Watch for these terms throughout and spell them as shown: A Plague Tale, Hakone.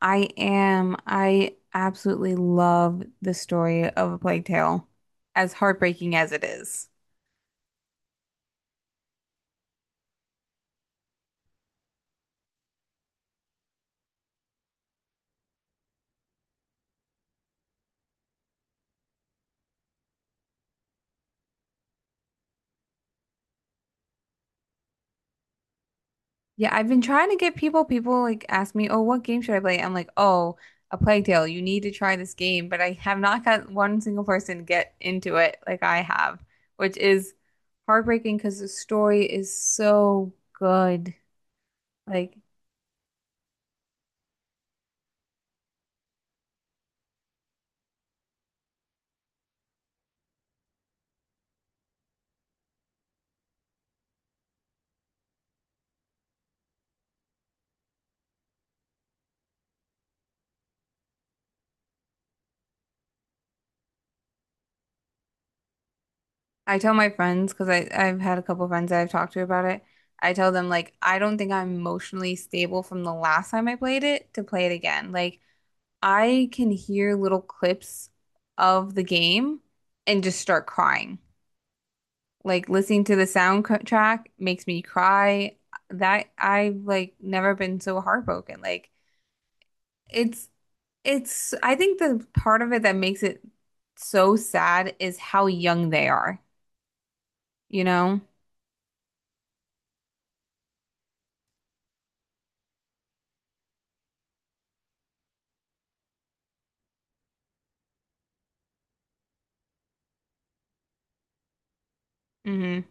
I am. I absolutely love the story of A Plague Tale, as heartbreaking as it is. Yeah, I've been trying to get people like ask me, oh, what game should I play? I'm like, oh, A Plague Tale, you need to try this game. But I have not got one single person get into it like I have, which is heartbreaking because the story is so good. Like, I tell my friends because I've had a couple friends that I've talked to about it. I tell them like I don't think I'm emotionally stable from the last time I played it to play it again. Like I can hear little clips of the game and just start crying. Like listening to the soundtrack makes me cry. That I've like never been so heartbroken. Like it's it's I think the part of it that makes it so sad is how young they are, you know? Hmm.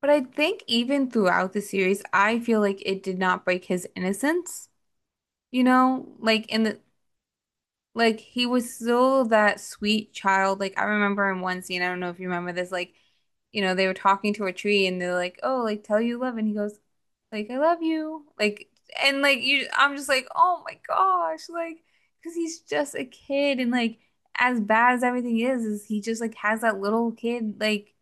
But I think even throughout the series, I feel like it did not break his innocence, you know? Like in the like he was still that sweet child. Like I remember in one scene, I don't know if you remember this, like, you know, they were talking to a tree and they're like, oh, like tell you love and he goes, like, I love you. Like and like you I'm just like, oh my gosh, like because he's just a kid and like as bad as everything is he just like has that little kid like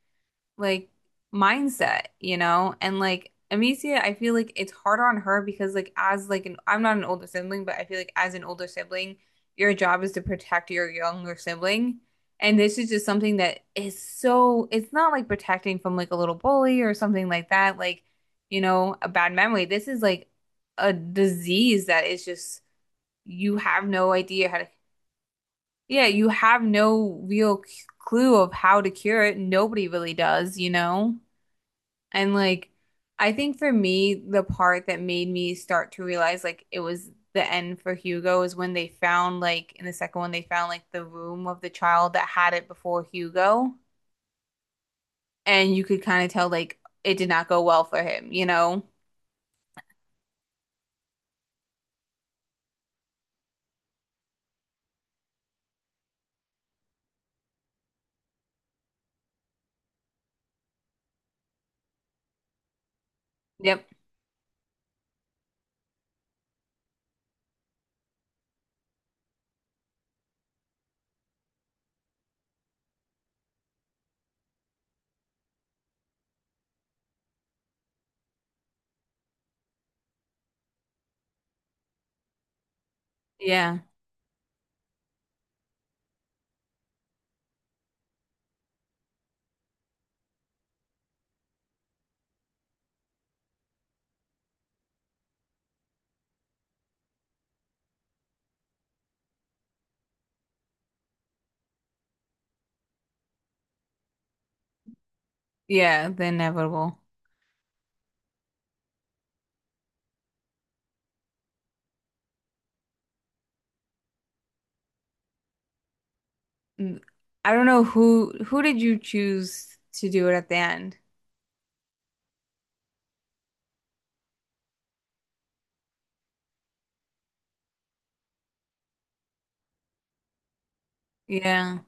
like mindset, you know? And like Amicia, I feel like it's harder on her because like as like an I'm not an older sibling, but I feel like as an older sibling, your job is to protect your younger sibling. And this is just something that is so it's not like protecting from like a little bully or something like that, like, you know, a bad memory. This is like a disease that is just you have no idea how to yeah, you have no real c- clue of how to cure it. Nobody really does, you know? And like, I think for me, the part that made me start to realize like it was the end for Hugo is when they found like in the second one, they found like the room of the child that had it before Hugo. And you could kind of tell like it did not go well for him, you know? Yep. Yeah. Yeah, the inevitable. Mm, I don't know who did you choose to do it at the end? Yeah.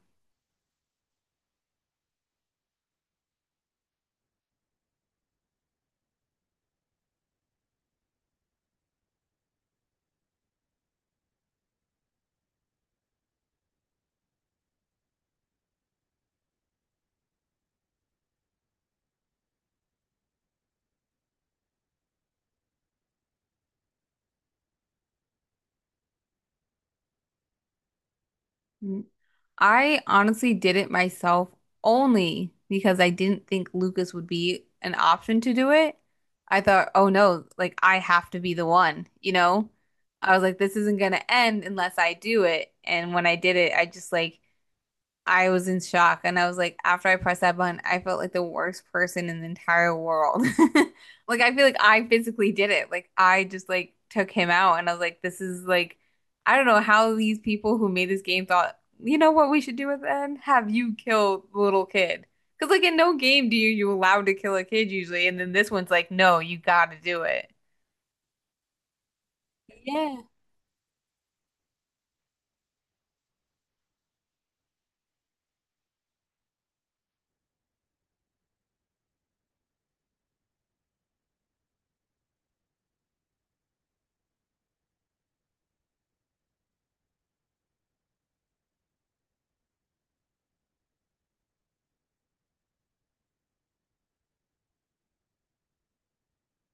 Mm. I honestly did it myself only because I didn't think Lucas would be an option to do it. I thought, oh no, like I have to be the one, you know? I was like, this isn't gonna end unless I do it. And when I did it, I just like I was in shock. And I was like, after I pressed that button, I felt like the worst person in the entire world. Like, I feel like I physically did it. Like, I just like took him out. And I was like, this is like, I don't know how these people who made this game thought, you know what we should do with then? Have you kill the little kid. Because, like, in no game do you allowed to kill a kid usually. And then this one's like, no, you gotta do it. Yeah.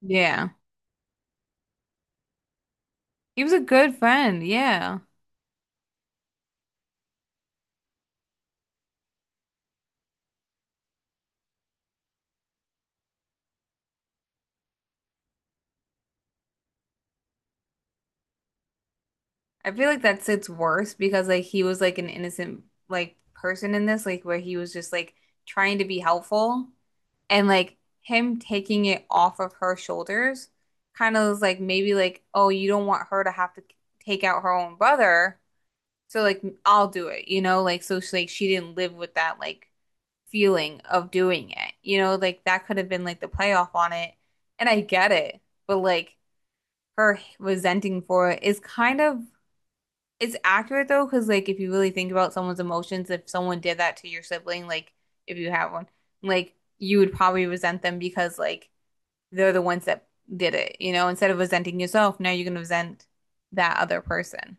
Yeah. He was a good friend. Yeah. I feel like that's it's worse because like he was like an innocent like person in this, like where he was just like trying to be helpful and like him taking it off of her shoulders kind of was like maybe like, oh, you don't want her to have to take out her own brother, so like I'll do it, you know, like so she, like she didn't live with that like feeling of doing it, you know, like that could have been like the playoff on it, and I get it, but like her resenting for it is kind of it's accurate though, because like if you really think about someone's emotions, if someone did that to your sibling, like if you have one, like you would probably resent them because like they're the ones that did it, you know, instead of resenting yourself, now you're gonna resent that other person.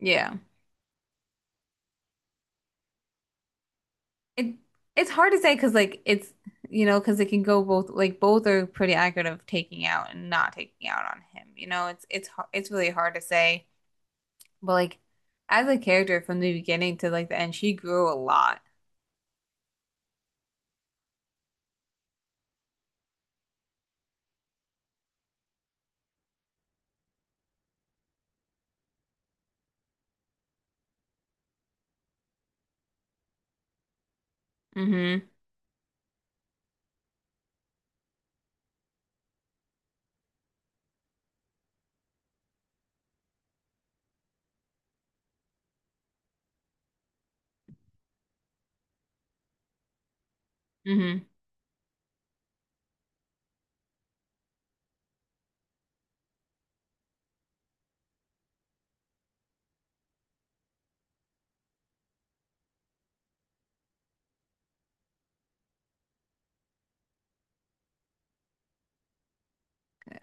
Yeah. It it's hard to say because like it's you know, because it can go both like both are pretty accurate of taking out and not taking out on him. You know, it's har- it's really hard to say, but like as a character from the beginning to like the end, she grew a lot. Mm-hmm. Mm-hmm.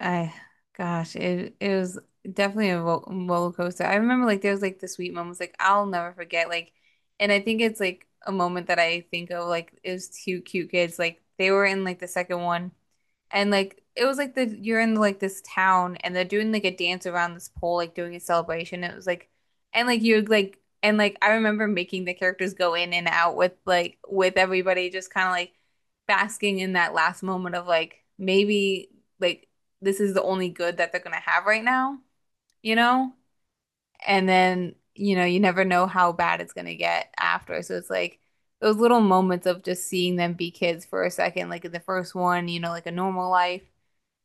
I, gosh, it was definitely a ro roller coaster. I remember like there was like the sweet moments like I'll never forget like, and I think it's like a moment that I think of like it was two cute kids like they were in like the second one. And like it was like the you're in like this town and they're doing like a dance around this pole, like doing a celebration. It was like and like you would like and like I remember making the characters go in and out with like with everybody just kind of like basking in that last moment of like maybe like this is the only good that they're gonna have right now, you know? And then, you know, you never know how bad it's gonna get after. So it's like those little moments of just seeing them be kids for a second, like in the first one, you know, like a normal life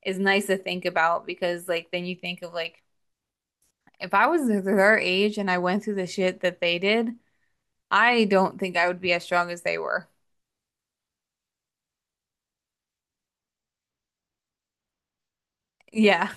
is nice to think about because like then you think of like if I was their age and I went through the shit that they did, I don't think I would be as strong as they were. Yeah.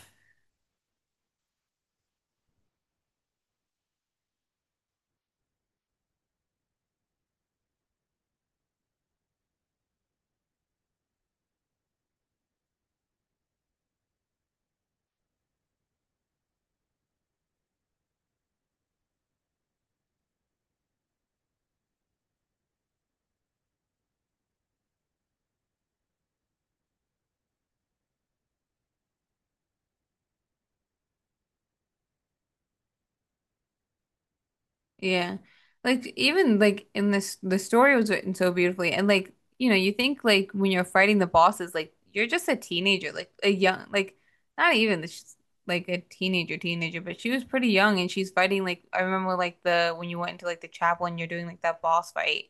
Yeah. Like even like in this the story was written so beautifully and like you know you think like when you're fighting the bosses like you're just a teenager like a young like not even this like a teenager teenager but she was pretty young and she's fighting like I remember like the when you went into like the chapel and you're doing like that boss fight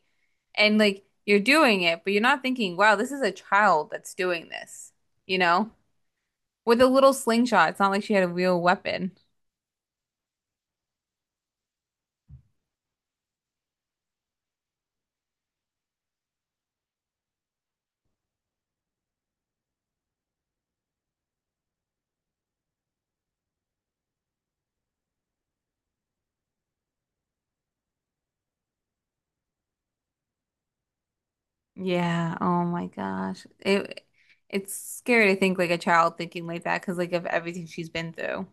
and like you're doing it but you're not thinking wow this is a child that's doing this you know with a little slingshot it's not like she had a real weapon. Yeah. Oh my gosh. It's scary to think like a child thinking like that because like of everything she's been through.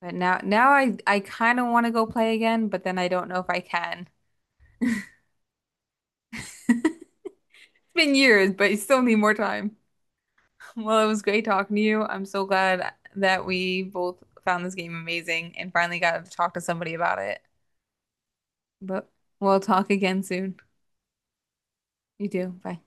But now I kind of want to go play again, but then I don't know if I can. It's been years, but you still need more time. Well, it was great talking to you. I'm so glad that we both found this game amazing and finally got to talk to somebody about it. But we'll talk again soon. You do. Bye.